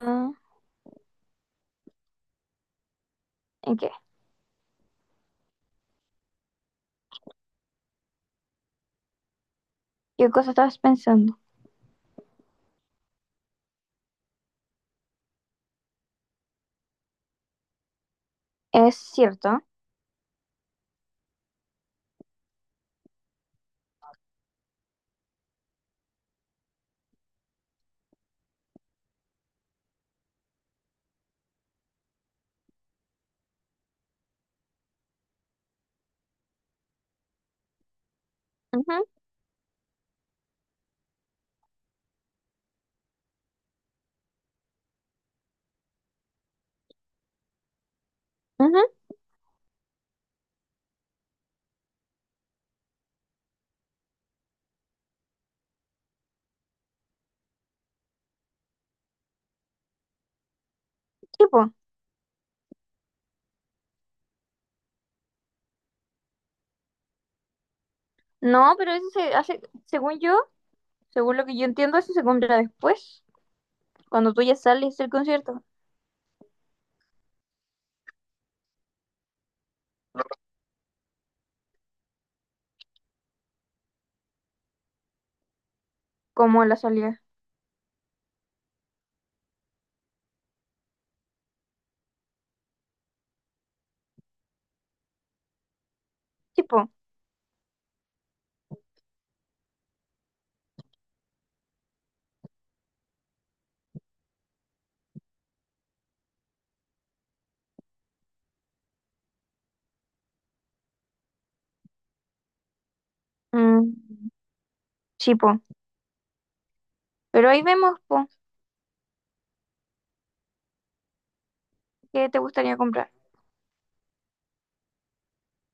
Mm. ¿En qué? ¿Qué cosa estabas pensando? Es cierto. Ujú. Ujú. Tipo. No, pero eso se hace, según yo, según lo que yo entiendo, eso se compra después, cuando tú ya sales del concierto, como la salida. Tipo. Mm, sí, po. Pero ahí vemos, po, qué te gustaría comprar.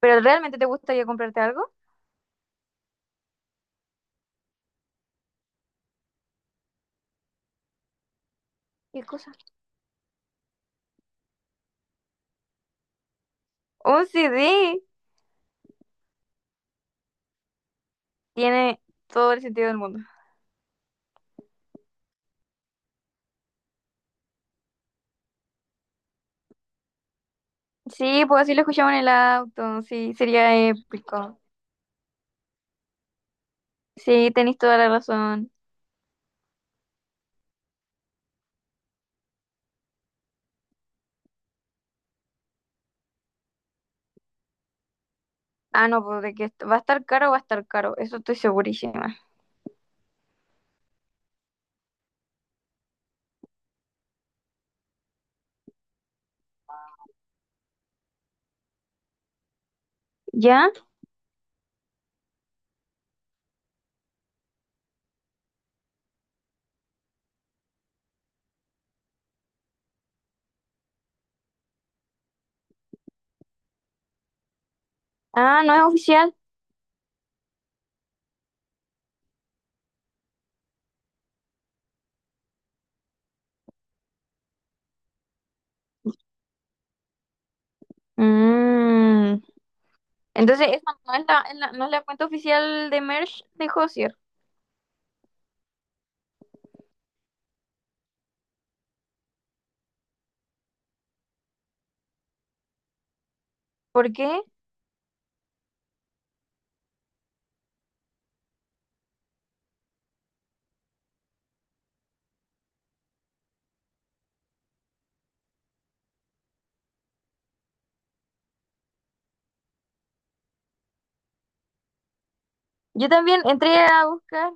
¿Pero realmente te gustaría comprarte algo? ¿Qué cosa? Un CD. Tiene todo el sentido del mundo. Sí, pues así lo escuchamos en el auto. Sí, sería épico. Sí, tenéis toda la razón. Ah, no, pues de que va a estar caro, va a estar caro, eso estoy segurísima. ¿Ya? Ah, no es oficial. Mm. Entonces, eso no es la, no es la cuenta oficial de merch de Hozier. ¿Por qué? Yo también entré a buscar,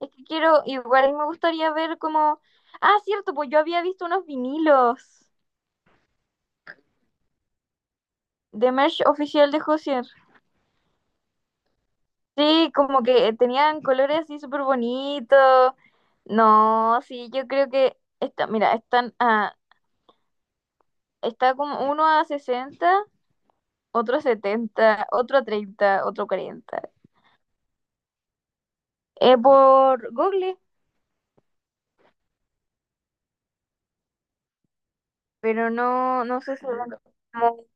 es que quiero, igual me gustaría ver como... Ah, cierto, pues yo había visto unos vinilos de merch oficial de Hozier. Sí, como que tenían colores así súper bonitos. No, sí, yo creo que... Esta, mira, están a. Está como uno a sesenta, otro a 70, otro a 30, otro a 40. Es por Google, pero no, no sé si... como-.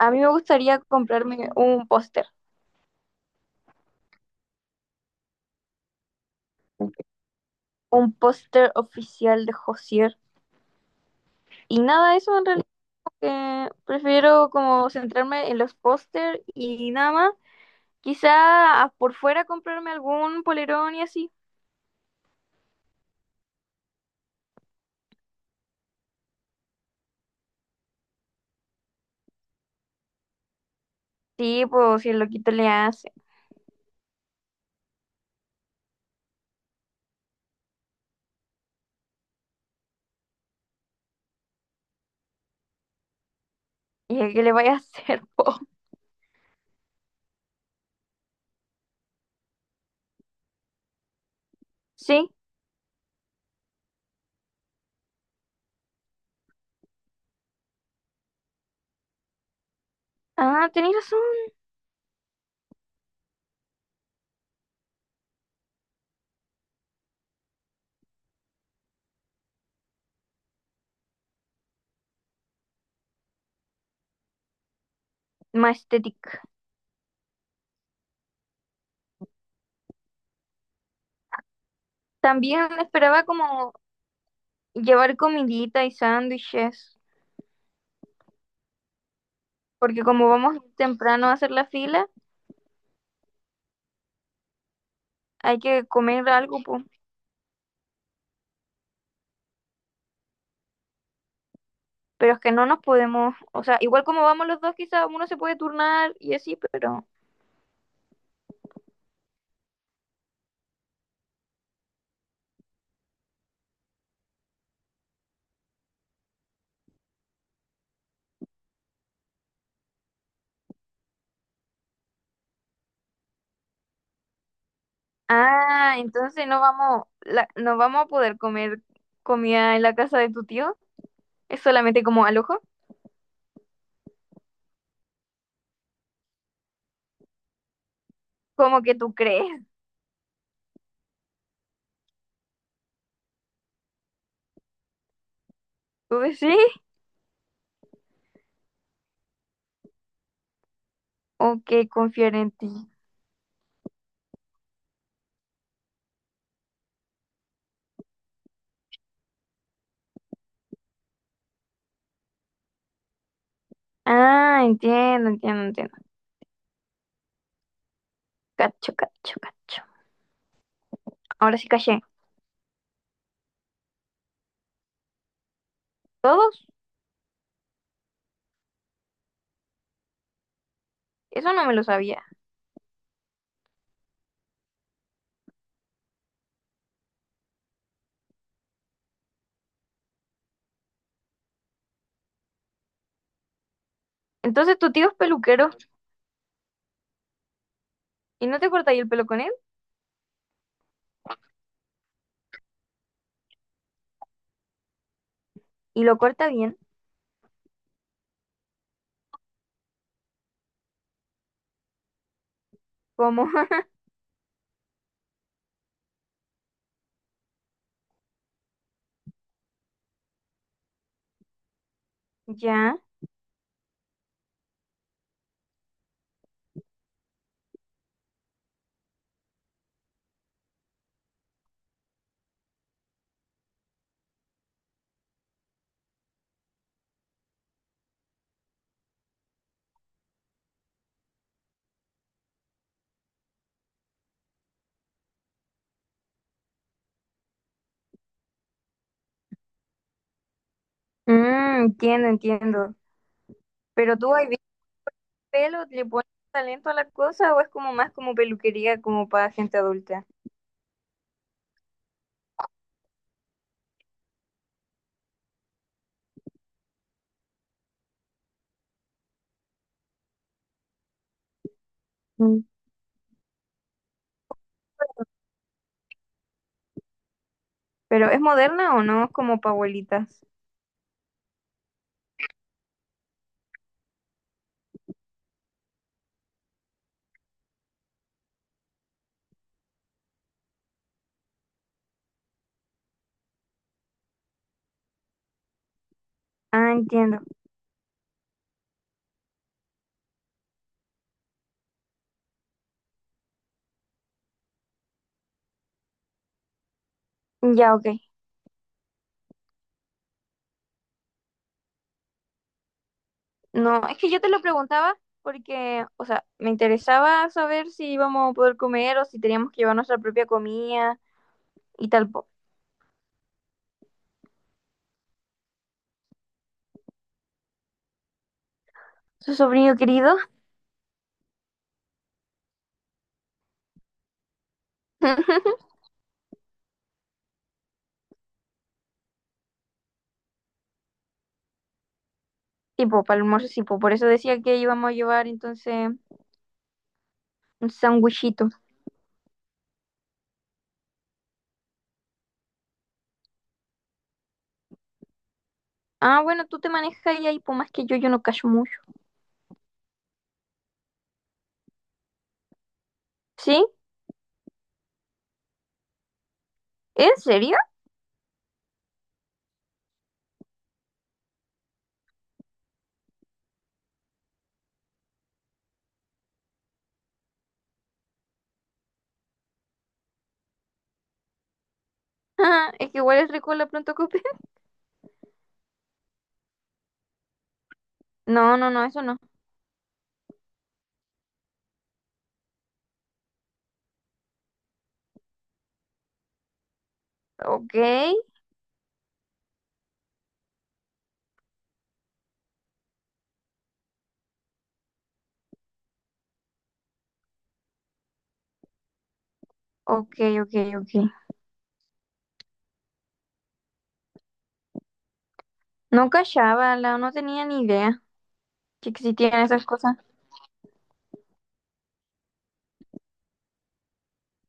A mí me gustaría comprarme un póster oficial de Josier. Y nada, de eso en realidad que prefiero como centrarme en los póster y nada más. Quizá por fuera comprarme algún polerón y así. Sí, pues si el loquito le hace. ¿Y a qué le vaya a hacer, po? Sí. Ah, tenéis razón. Majestic. También esperaba como llevar comidita y sándwiches, porque como vamos temprano a hacer la fila, hay que comer algo, po. Pero es que no nos podemos, o sea, igual como vamos los dos, quizás uno se puede turnar y así, pero... Ah, entonces no vamos, no vamos a poder comer comida en la casa de tu tío, es solamente como al ojo, como que tú crees, tú decís, o que confiar en ti. Ah, entiendo, entiendo, entiendo. Cacho, cacho, cacho. Ahora sí caché. ¿Todos? Eso no me lo sabía. Entonces tu tío es peluquero y no te corta ahí el pelo con él y lo corta bien. ¿Cómo? Ya. Mm, entiendo, entiendo. Pero tú ahí ves pelo, le pones talento a la cosa o es como más como peluquería como para gente adulta. Mm. Pero ¿es moderna o no? Es como para abuelitas. Ah, entiendo. Ya, ok. No, es que yo te lo preguntaba porque, o sea, me interesaba saber si íbamos a poder comer o si teníamos que llevar nuestra propia comida y tal, po. Su sobrino querido. Tipo, para el almuerzo, sí, po. Por eso decía que íbamos a llevar entonces un sándwichito. Ah, bueno, tú te manejas ahí, ahí, pues más que yo no cacho mucho. ¿Sí? ¿En serio? Ah, es que igual es rico la pronto cope. No, no, no, eso no. Ok, ok, ok, ok. No cachaba, la, no tenía ni idea que existían esas cosas.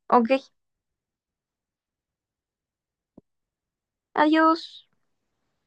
Ok, adiós.